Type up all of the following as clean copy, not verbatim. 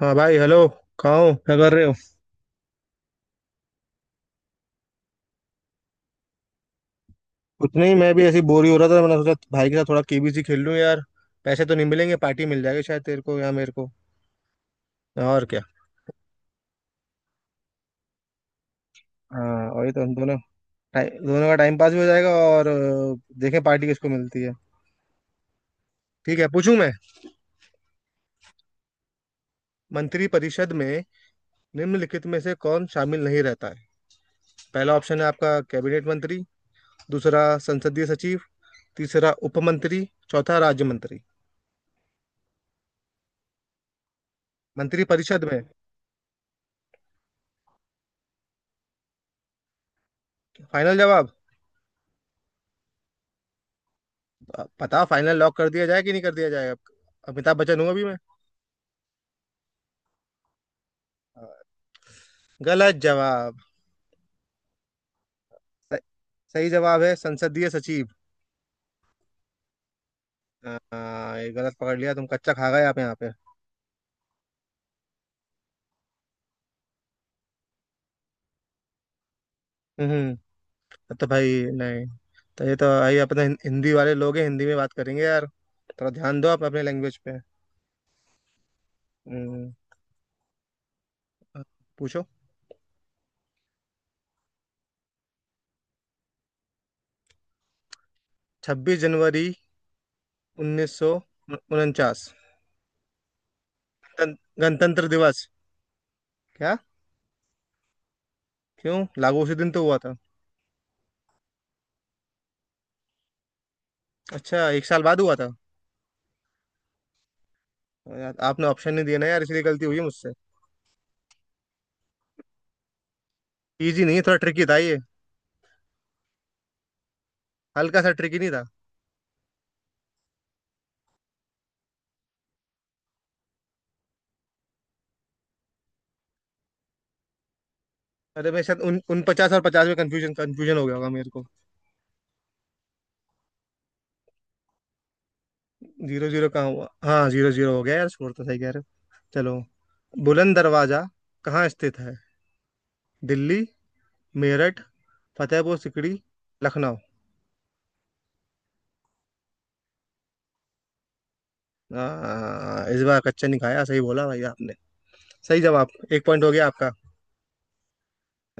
हाँ भाई, हेलो। कहाँ हो, क्या कर रहे हो? कुछ नहीं, मैं भी ऐसी बोर ही हो रहा था। मैंने सोचा भाई के साथ थोड़ा केबीसी खेल लूँ यार। पैसे तो नहीं मिलेंगे, पार्टी मिल जाएगी शायद तेरे को या मेरे को। और क्या। हाँ, और ये तो हम दोनों दोनों का टाइम पास भी हो जाएगा, और देखें पार्टी किसको मिलती है। ठीक है, पूछूं मैं। मंत्री परिषद में निम्नलिखित में से कौन शामिल नहीं रहता है? पहला ऑप्शन है आपका कैबिनेट मंत्री, दूसरा संसदीय सचिव, तीसरा उप मंत्री, चौथा राज्य मंत्री। मंत्री परिषद में। फाइनल जवाब। अब बताओ फाइनल लॉक कर दिया जाए कि नहीं कर दिया जाए? अब अमिताभ बच्चन हूँ अभी मैं। अ, गलत जवाब। स- सही जवाब है संसदीय सचिव। हाँ ये गलत पकड़ लिया, तुम कच्चा खा गए आप यहाँ पे। हम्म। तब तो भाई नहीं। तो ये तो भाई अपने हिंदी वाले लोग हैं, हिंदी में बात करेंगे यार। थोड़ा ध्यान दो आप अपने लैंग्वेज पे। हम्म, आप पूछो। 26 जनवरी 1949। गणतंत्र दिवस। क्या? क्यों, लागू उसी दिन तो हुआ था। अच्छा, एक साल बाद हुआ था। और यार, आपने ऑप्शन नहीं दिया ना यार, इसलिए गलती हुई है मुझसे। इजी नहीं है, थोड़ा ट्रिकी था ये। हल्का सा ट्रिकी नहीं था? अरे, मैं शायद उन 50 और 50 में कंफ्यूजन कंफ्यूजन हो गया होगा मेरे को। 0-0 कहाँ हुआ? हाँ 0-0 हो गया यार, स्कोर तो सही कह रहे हो। चलो। बुलंद दरवाजा कहाँ स्थित है? दिल्ली, मेरठ, फतेहपुर सिकड़ी, लखनऊ। इस बार कच्चा नहीं खाया, सही बोला भाई आपने। सही जवाब। 1 पॉइंट हो गया आपका।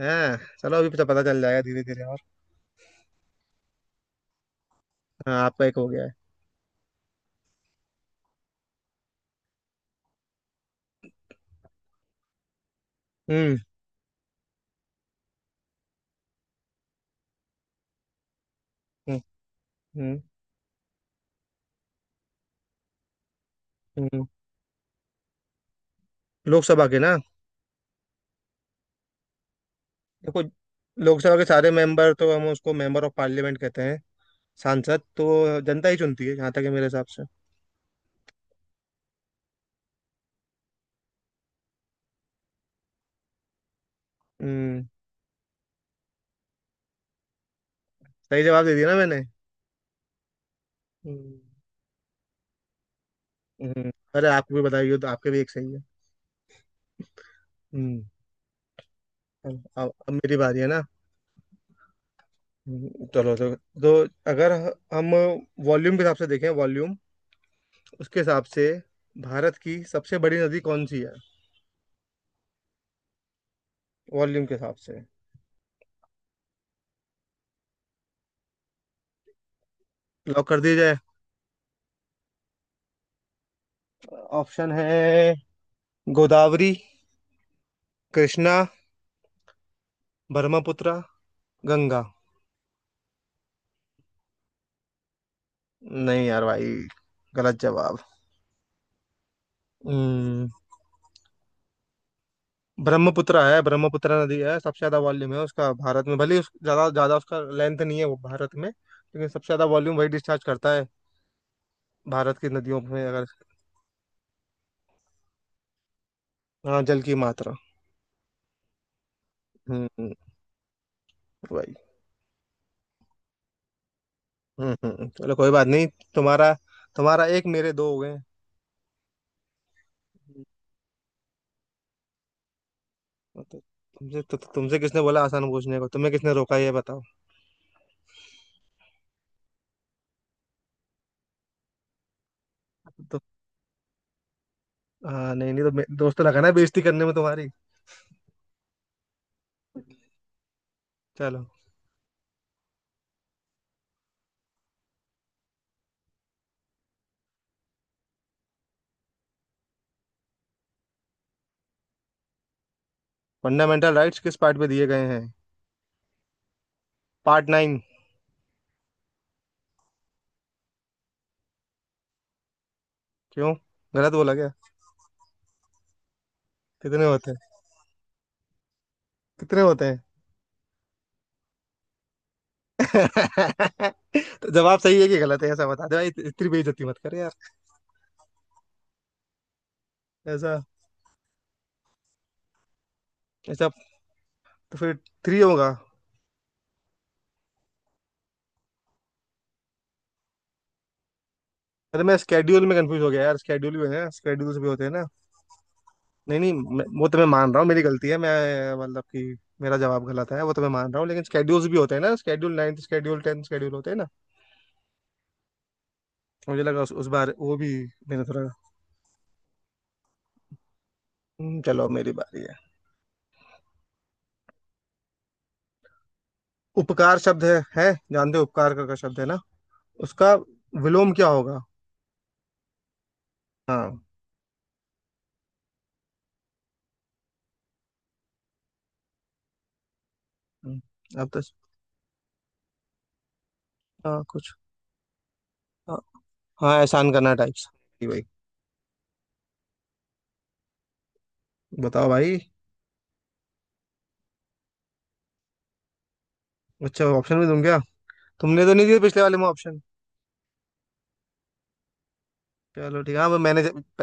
हाँ चलो, अभी तो पता चल जाएगा धीरे धीरे और। हाँ, आपका 1 हो गया है। हम्म। हम्म। हम्म। हम्म। लोकसभा के ना। देखो, लोकसभा के सारे मेंबर तो हम उसको मेंबर ऑफ पार्लियामेंट कहते हैं। सांसद तो जनता ही चुनती है, जहाँ तक है मेरे हिसाब से। हम्म। सही जवाब दे दिया ना मैंने? हम्म, अरे आपको भी बताइए, तो आपके भी एक सही है। हम्म। अब मेरी बारी है ना। चलो, तो अगर हम वॉल्यूम के हिसाब से देखें, वॉल्यूम उसके हिसाब से भारत की सबसे बड़ी नदी कौन सी है? वॉल्यूम के हिसाब से। लॉक कर दिया जाए। ऑप्शन है गोदावरी, कृष्णा, ब्रह्मपुत्र, गंगा। नहीं यार भाई, गलत जवाब। हम्म, ब्रह्मपुत्रा है। ब्रह्मपुत्रा नदी है, सबसे ज्यादा वॉल्यूम है उसका भारत में, भले ही ज्यादा ज्यादा उसका लेंथ नहीं है वो भारत में, लेकिन सबसे ज्यादा वॉल्यूम वही डिस्चार्ज करता है भारत की नदियों में अगर। हाँ, जल की मात्रा। हम्म हम्म, वही। चलो कोई बात नहीं। तुम्हारा, तुम्हारा 1, मेरे 2 हो गए। तो तुमसे, तो तुमसे किसने बोला आसान पूछने को, तुम्हें किसने रोका ये बताओ? तो हाँ, नहीं नहीं, तो दोस्त लगा ना बेइज्जती करने में तुम्हारी। चलो। फंडामेंटल राइट्स किस पार्ट पे दिए गए हैं? पार्ट 9। क्यों, गलत बोला क्या? कितने होते हैं? कितने होते हैं? तो जवाब सही है कि गलत है ऐसा बता दे भाई, इतनी बेइज्जती मत कर यार। ऐसा? ऐसा? तो फिर 3 होगा। अरे मैं स्केड्यूल में कंफ्यूज हो गया यार, स्केड्यूल भी है, स्केड्यूल्स भी होते हैं ना। नहीं नहीं, वो तो मैं मान रहा हूँ मेरी गलती है, मैं मतलब कि मेरा जवाब गलत है वो तो मैं मान रहा हूँ, लेकिन स्केड्यूल्स भी होते हैं ना, schedule 9th schedule 10th schedule होते हैं ना। मुझे लगा उस बार वो भी मैंने थोड़ा। चलो, मेरी बारी है। उपकार शब्द है जानते हो उपकार का शब्द है ना, उसका विलोम क्या होगा? हाँ। हम्म, अब तो। हाँ, कुछ। हाँ, हाँ, एहसान करना टाइप्स। भाई, बताओ भाई। अच्छा, ऑप्शन भी दूं क्या? तुमने तो नहीं दिया पिछले वाले में ऑप्शन। चलो, ठीक है। हाँ, वो मैंने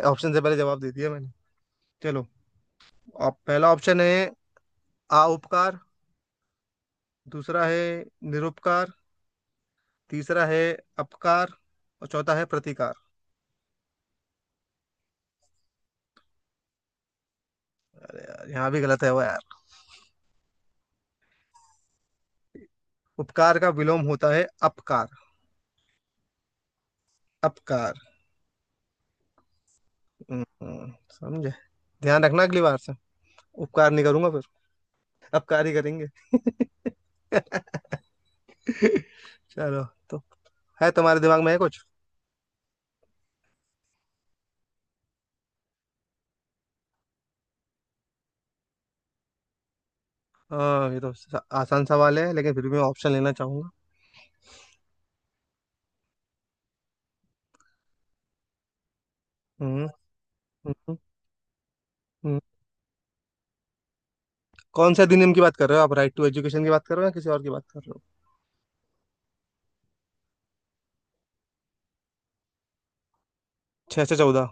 ऑप्शन से पहले जवाब दे दिया मैंने। चलो। आप, पहला ऑप्शन है आ उपकार, दूसरा है निरुपकार, तीसरा है अपकार, और चौथा है प्रतिकार। अरे यार, यहाँ भी गलत है वो यार। उपकार का विलोम होता है अपकार। अपकार। समझे? ध्यान रखना अगली बार से। उपकार नहीं करूंगा फिर। अब कार्य करेंगे। चलो। तो है, तुम्हारे दिमाग में है कुछ? हाँ, ये तो आसान सवाल है, लेकिन फिर भी मैं ऑप्शन लेना चाहूंगा। हम्म। हम्म, हम्म। कौन से अधिनियम की बात कर रहे हो आप, राइट टू एजुकेशन की बात कर रहे हो या किसी और की बात कर रहे हो? 6 से 14।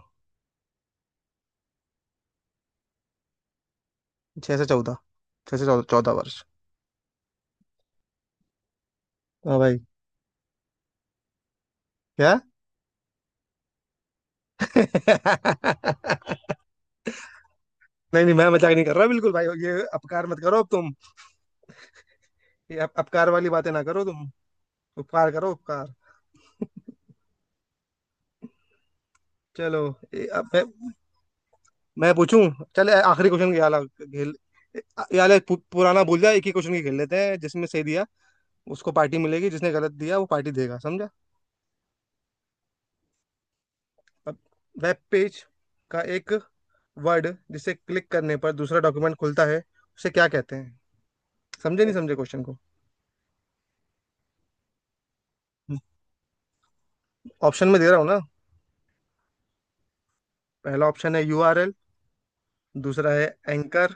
6 से 14। 6 से 14, 14 वर्ष हाँ भाई। क्या? नहीं, नहीं मैं मजाक नहीं कर रहा बिल्कुल भाई, ये अपकार मत करो अब तुम। ये अपकार वाली बातें ना करो तुम। उपकार करो, उपकार। चलो। अब मैं पूछूं। चल, आखिरी क्वेश्चन खेला खेल। यार, पुराना भूल जा, एक ही क्वेश्चन की खेल लेते हैं, जिसमें सही दिया उसको पार्टी मिलेगी, जिसने गलत दिया वो पार्टी देगा, समझा? अब, वेब पेज का एक वर्ड जिसे क्लिक करने पर दूसरा डॉक्यूमेंट खुलता है उसे क्या कहते हैं? समझे, नहीं समझे क्वेश्चन को? ऑप्शन में दे रहा हूँ ना। पहला ऑप्शन है URL, दूसरा है एंकर,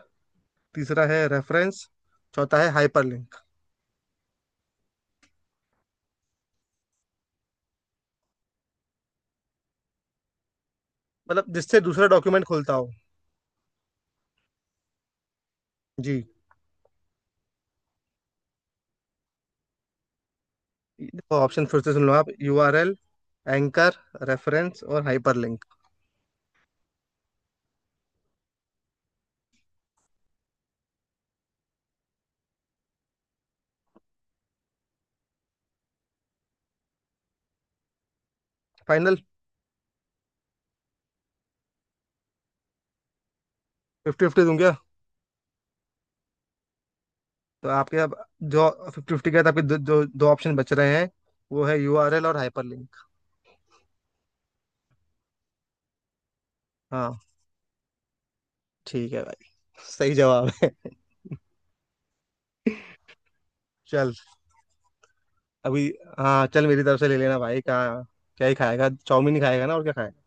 तीसरा है रेफरेंस, चौथा है हाइपरलिंक। मतलब जिससे दूसरा डॉक्यूमेंट खुलता हो। जी। देखो, ऑप्शन फिर से सुन लो आप। URL, एंकर, रेफरेंस और हाइपरलिंक। फाइनल। 50-50 दूं क्या? तो आपके अब जो 50-50 के बाद आपके दो, जो दो ऑप्शन बच रहे हैं, वो है URL और हाइपरलिंक। हाँ। ठीक है भाई, सही जवाब है। चल, अभी। हाँ चल, मेरी तरफ से ले लेना भाई। कहाँ, क्या ही खाएगा, चाउमीन ही खाएगा ना, और क्या खाएगा?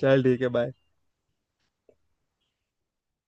चल ठीक है, बाय।